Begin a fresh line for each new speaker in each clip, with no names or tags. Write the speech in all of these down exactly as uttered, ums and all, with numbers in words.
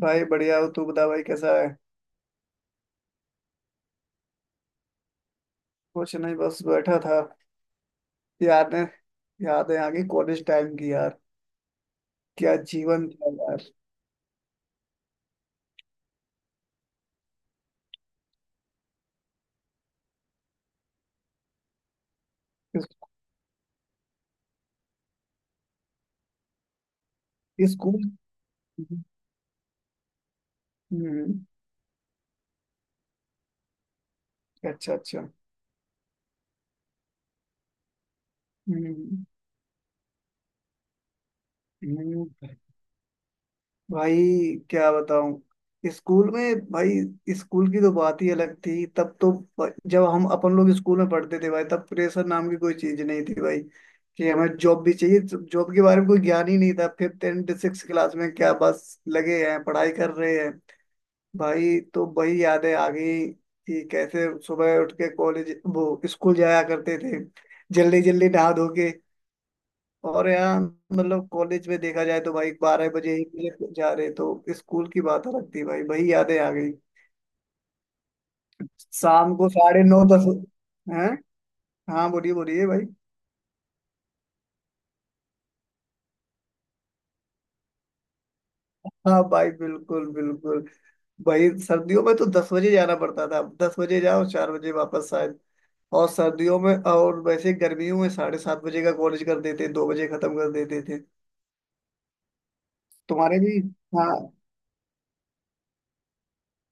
भाई बढ़िया हो। तू बता भाई, कैसा है? कुछ नहीं, बस बैठा था। यादें यादें आ गई कॉलेज टाइम की यार। क्या जीवन था यार। इस- स्कूल। हम्म। हम्म। अच्छा, अच्छा। हम्म। हम्म। भाई, क्या बताऊं। स्कूल में भाई, स्कूल की तो बात ही अलग थी तब तो। ब- जब हम अपन लोग स्कूल में पढ़ते थे भाई, तब प्रेशर नाम की कोई चीज नहीं थी भाई। कि हमें जॉब भी चाहिए, जॉब के बारे में कोई ज्ञान ही नहीं था। फिफ्थ एंड सिक्स क्लास में क्या, बस लगे हैं पढ़ाई कर रहे हैं। भाई तो वही यादें आ गई, कि कैसे सुबह उठ के कॉलेज वो स्कूल जाया करते थे, जल्दी जल्दी नहा धो के। और यहाँ मतलब कॉलेज में देखा जाए तो भाई बारह बजे एक बजे जा रहे, तो स्कूल की बात अलग थी भाई, वही यादें आ गई। शाम को साढ़े नौ दस हैं। हाँ बोलिए बोलिए भाई। हाँ भाई, बिल्कुल बिल्कुल। भाई सर्दियों में तो दस बजे जाना पड़ता था। दस बजे जाओ, चार बजे वापस शायद। और सर्दियों में, और वैसे गर्मियों में साढ़े सात बजे का कॉलेज कर देते, दो बजे खत्म कर देते थे। तुम्हारे भी? हाँ।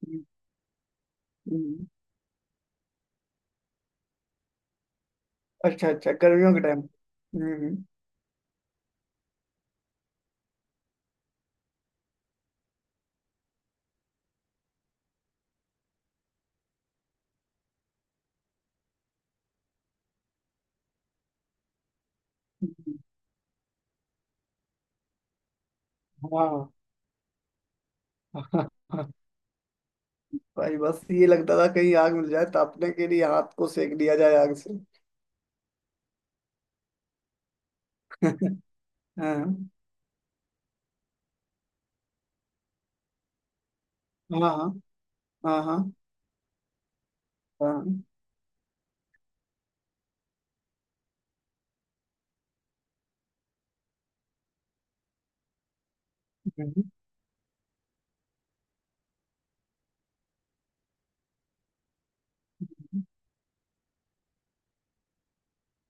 हम्म। हम्म। अच्छा अच्छा, गर्मियों के टाइम। हम्म। हम्म। हम्म। हाँ भाई बस ये लगता था कहीं आग मिल जाए तापने के लिए, हाथ को सेक दिया जाए आग से। हाँ। हाँ। हाँ। हाँ। हाँ।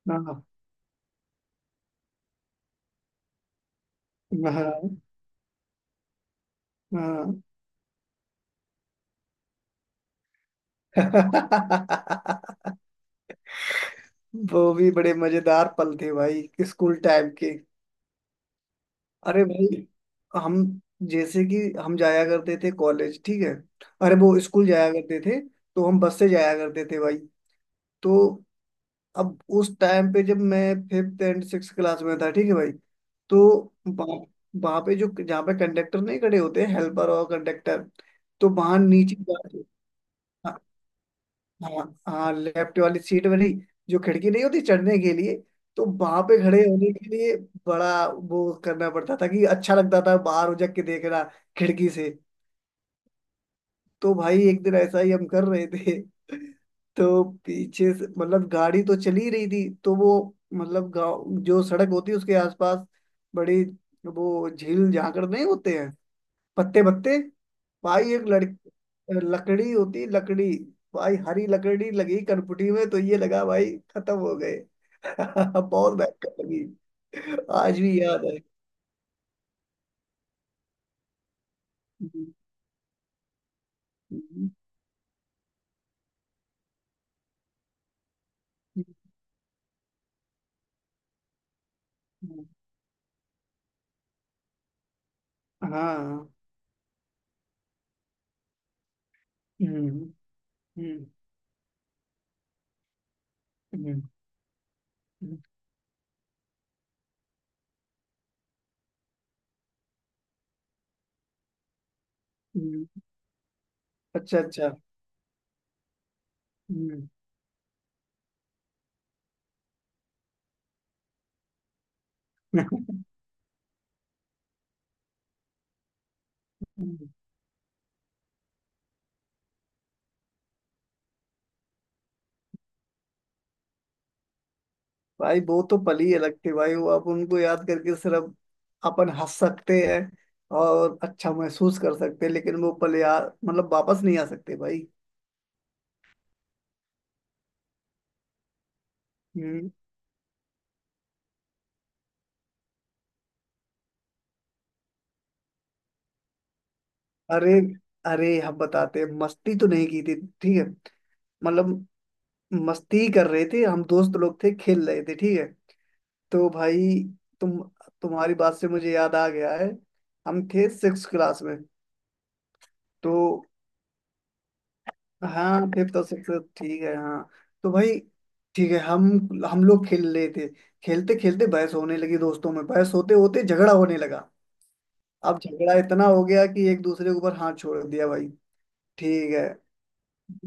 हाँ। हाँ। हाँ। वो भी बड़े मजेदार पल थे भाई स्कूल टाइम के। अरे भाई। हम जैसे कि हम जाया करते थे कॉलेज, ठीक है? अरे वो स्कूल जाया करते थे। तो हम बस से जाया करते थे भाई। तो अब उस टाइम पे जब मैं फिफ्थ एंड सिक्स क्लास में था, ठीक है भाई? तो वहाँ हम्म, वहाँ पे जो जहाँ पे कंडक्टर नहीं खड़े होते, हेल्पर और कंडक्टर। तो वहाँ नीचे जा- हाँ। हाँ। हाँ, लेफ्ट वाली सीट वाली, जो खिड़की नहीं होती चढ़ने के लिए। तो वहां पे खड़े होने के लिए बड़ा वो करना पड़ता था, कि अच्छा लगता था बाहर उजक के देखना खिड़की से। तो भाई एक दिन ऐसा ही हम कर रहे थे तो पीछे से मतलब गाड़ी तो चली ही रही थी, तो वो मतलब गाँव जो सड़क होती है उसके आसपास बड़ी, वो झील झांकड़ नहीं होते हैं, पत्ते पत्ते। भाई एक लड़ लकड़ी होती, लकड़ी। भाई हरी लकड़ी लगी कनपटी में, तो ये लगा भाई खत्म हो गए बहुत भयंकर लगी। आज भी याद है हम्म। हम्म। हम्म। हाँ। हम्म। हम्म। हम्म। हम्म। अच्छा अच्छा। हम्म। हम्म। भाई वो तो पल ही अलग थे भाई। वो आप उनको याद करके सिर्फ अपन हंस सकते हैं और अच्छा महसूस कर सकते हैं, लेकिन वो पल यार मतलब वापस नहीं आ सकते भाई। हम्म। अरे, अरे हम बताते हैं। मस्ती तो नहीं की थी, ठीक है? मतलब मस्ती कर रहे थे, हम दोस्त लोग थे, खेल रहे थे, ठीक है। तो भाई, तुम तुम्हारी बात से मुझे याद आ गया है। हम थे सिक्स क्लास में। तो हाँ, फिफ्थ और सिक्स। ठीक है हाँ। तो भाई ठीक है। हम हम लोग खेल रहे थे। खेलते खेलते बहस होने लगी दोस्तों में। बहस होते होते झगड़ा होने लगा। अब झगड़ा इतना हो गया कि एक दूसरे के ऊपर हाथ छोड़ दिया भाई। ठीक है।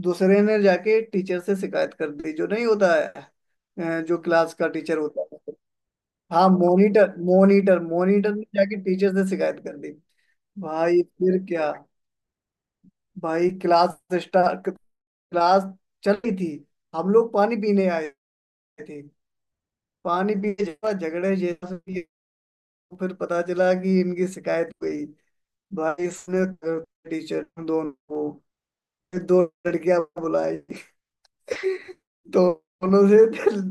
दूसरे ने जाके टीचर से शिकायत कर दी, जो नहीं होता है, अ, जो क्लास का टीचर होता है। हाँ, मॉनिटर मॉनिटर। मॉनिटर ने जाके टीचर से शिकायत कर दी। भाई फिर क्या। भाई क्लास स्टार्ट, क्लास चल रही थी। हम लोग पानी पीने आए थे। पानी पीने के बाद झगड़े जैसा भी, फिर पता चला कि इनकी शिकायत हुई भाई इसने। टीचर दोनों को, फिर दो लड़कियां बुलाई दोनों से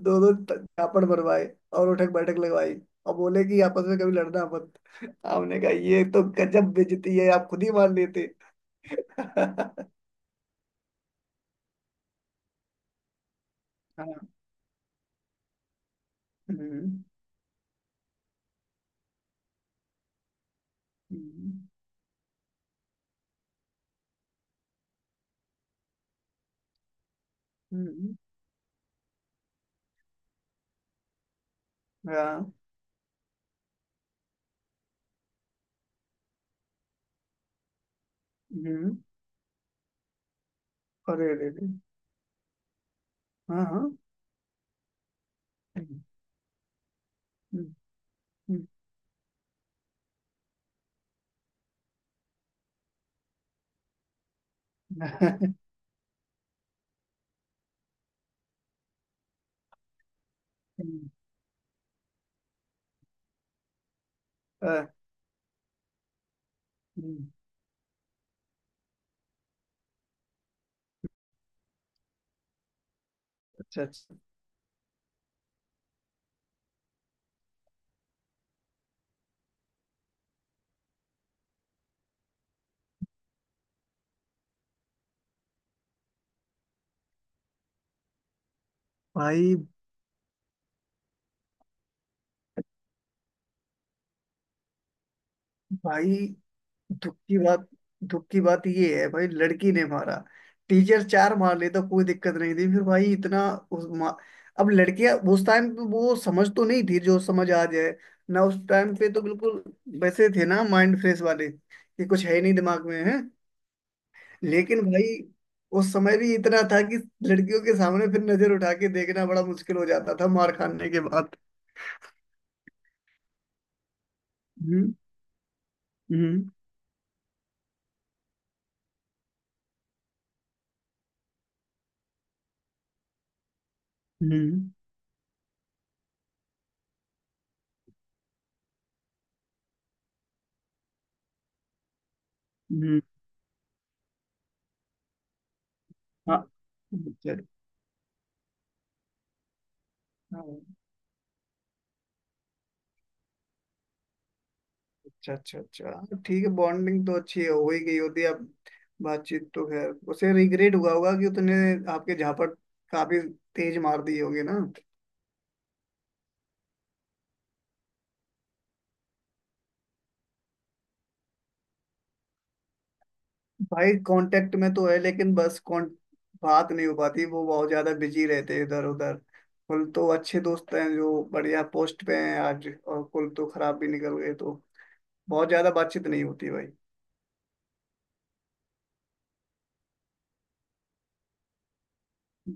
दोनों झापड़ भरवाए और उठक बैठक लगवाई। और बोले कि आपस में कभी लड़ना मत। हमने कहा ये तो गजब बेइज्जती है, आप खुद ही मान लेते। हाँ। हम्म। हम्म। हम्म। हाँ। हम्म। अरे रे रे। हाँ हाँ। हम्म। हम्म। हम्म। हम्म। अ, हम्म। अच्छा, अच्छा। भाई। भाई दुख की बात, दुख की बात ये है भाई, लड़की ने मारा। टीचर चार मार ले तो कोई दिक्कत नहीं थी, फिर भाई इतना। उस मा... अब लड़कियां, उस टाइम पे वो समझ तो नहीं थी जो समझ आ जाए, ना उस टाइम पे तो बिल्कुल वैसे थे ना, माइंड फ्रेश वाले कि कुछ है ही नहीं दिमाग में है। लेकिन भाई उस समय भी इतना था कि लड़कियों के सामने फिर नजर उठा के देखना बड़ा मुश्किल हो जाता था मार खाने के बाद। हम्म। हम्म। हम्म। हम्म। हाँ। अच्छा। हाँ, अच्छा अच्छा अच्छा हाँ, ठीक है, बॉन्डिंग तो अच्छी है, हो ही गई होती है अब। बातचीत तो खैर, उसे रिग्रेट हुआ होगा कि उसने आपके झापट काफी तेज मार दी होगी ना। भाई कांटेक्ट में तो है, लेकिन बस कॉन बात नहीं हो पाती, वो बहुत ज्यादा बिजी रहते हैं इधर उधर। कुल तो अच्छे दोस्त हैं जो बढ़िया पोस्ट पे हैं आज, और कुल तो खराब भी निकल गए तो बहुत ज्यादा बातचीत नहीं होती भाई।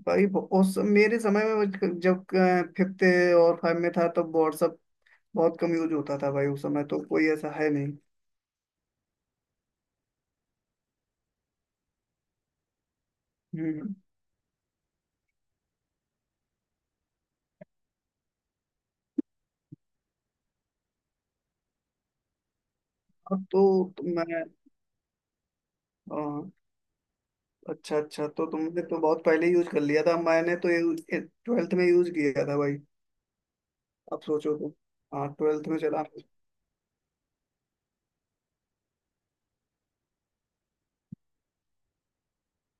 भाई ब- उस मेरे समय में मुझ- जब अ, फिफ्थ और फाइव में था, तब व्हाट्सअप बहुत कम यूज होता था भाई। उस समय तो कोई ऐसा है नहीं। हम्म। अब तो, तो मैं अ, अच्छा अच्छा, तो तुमने तो बहुत पहले यूज कर लिया था, मैंने तो ट्वेल्थ में यूज किया था भाई। अब सोचो तो। हाँ, ट्वेल्थ में चला।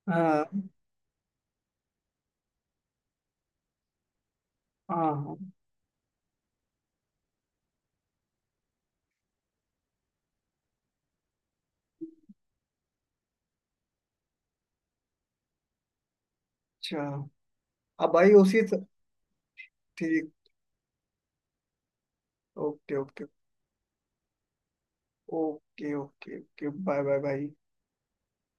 हाँ हाँ हाँ, अच्छा। अब भाई उसी ठीक okay okay. Okay okay okay bye bye भाई।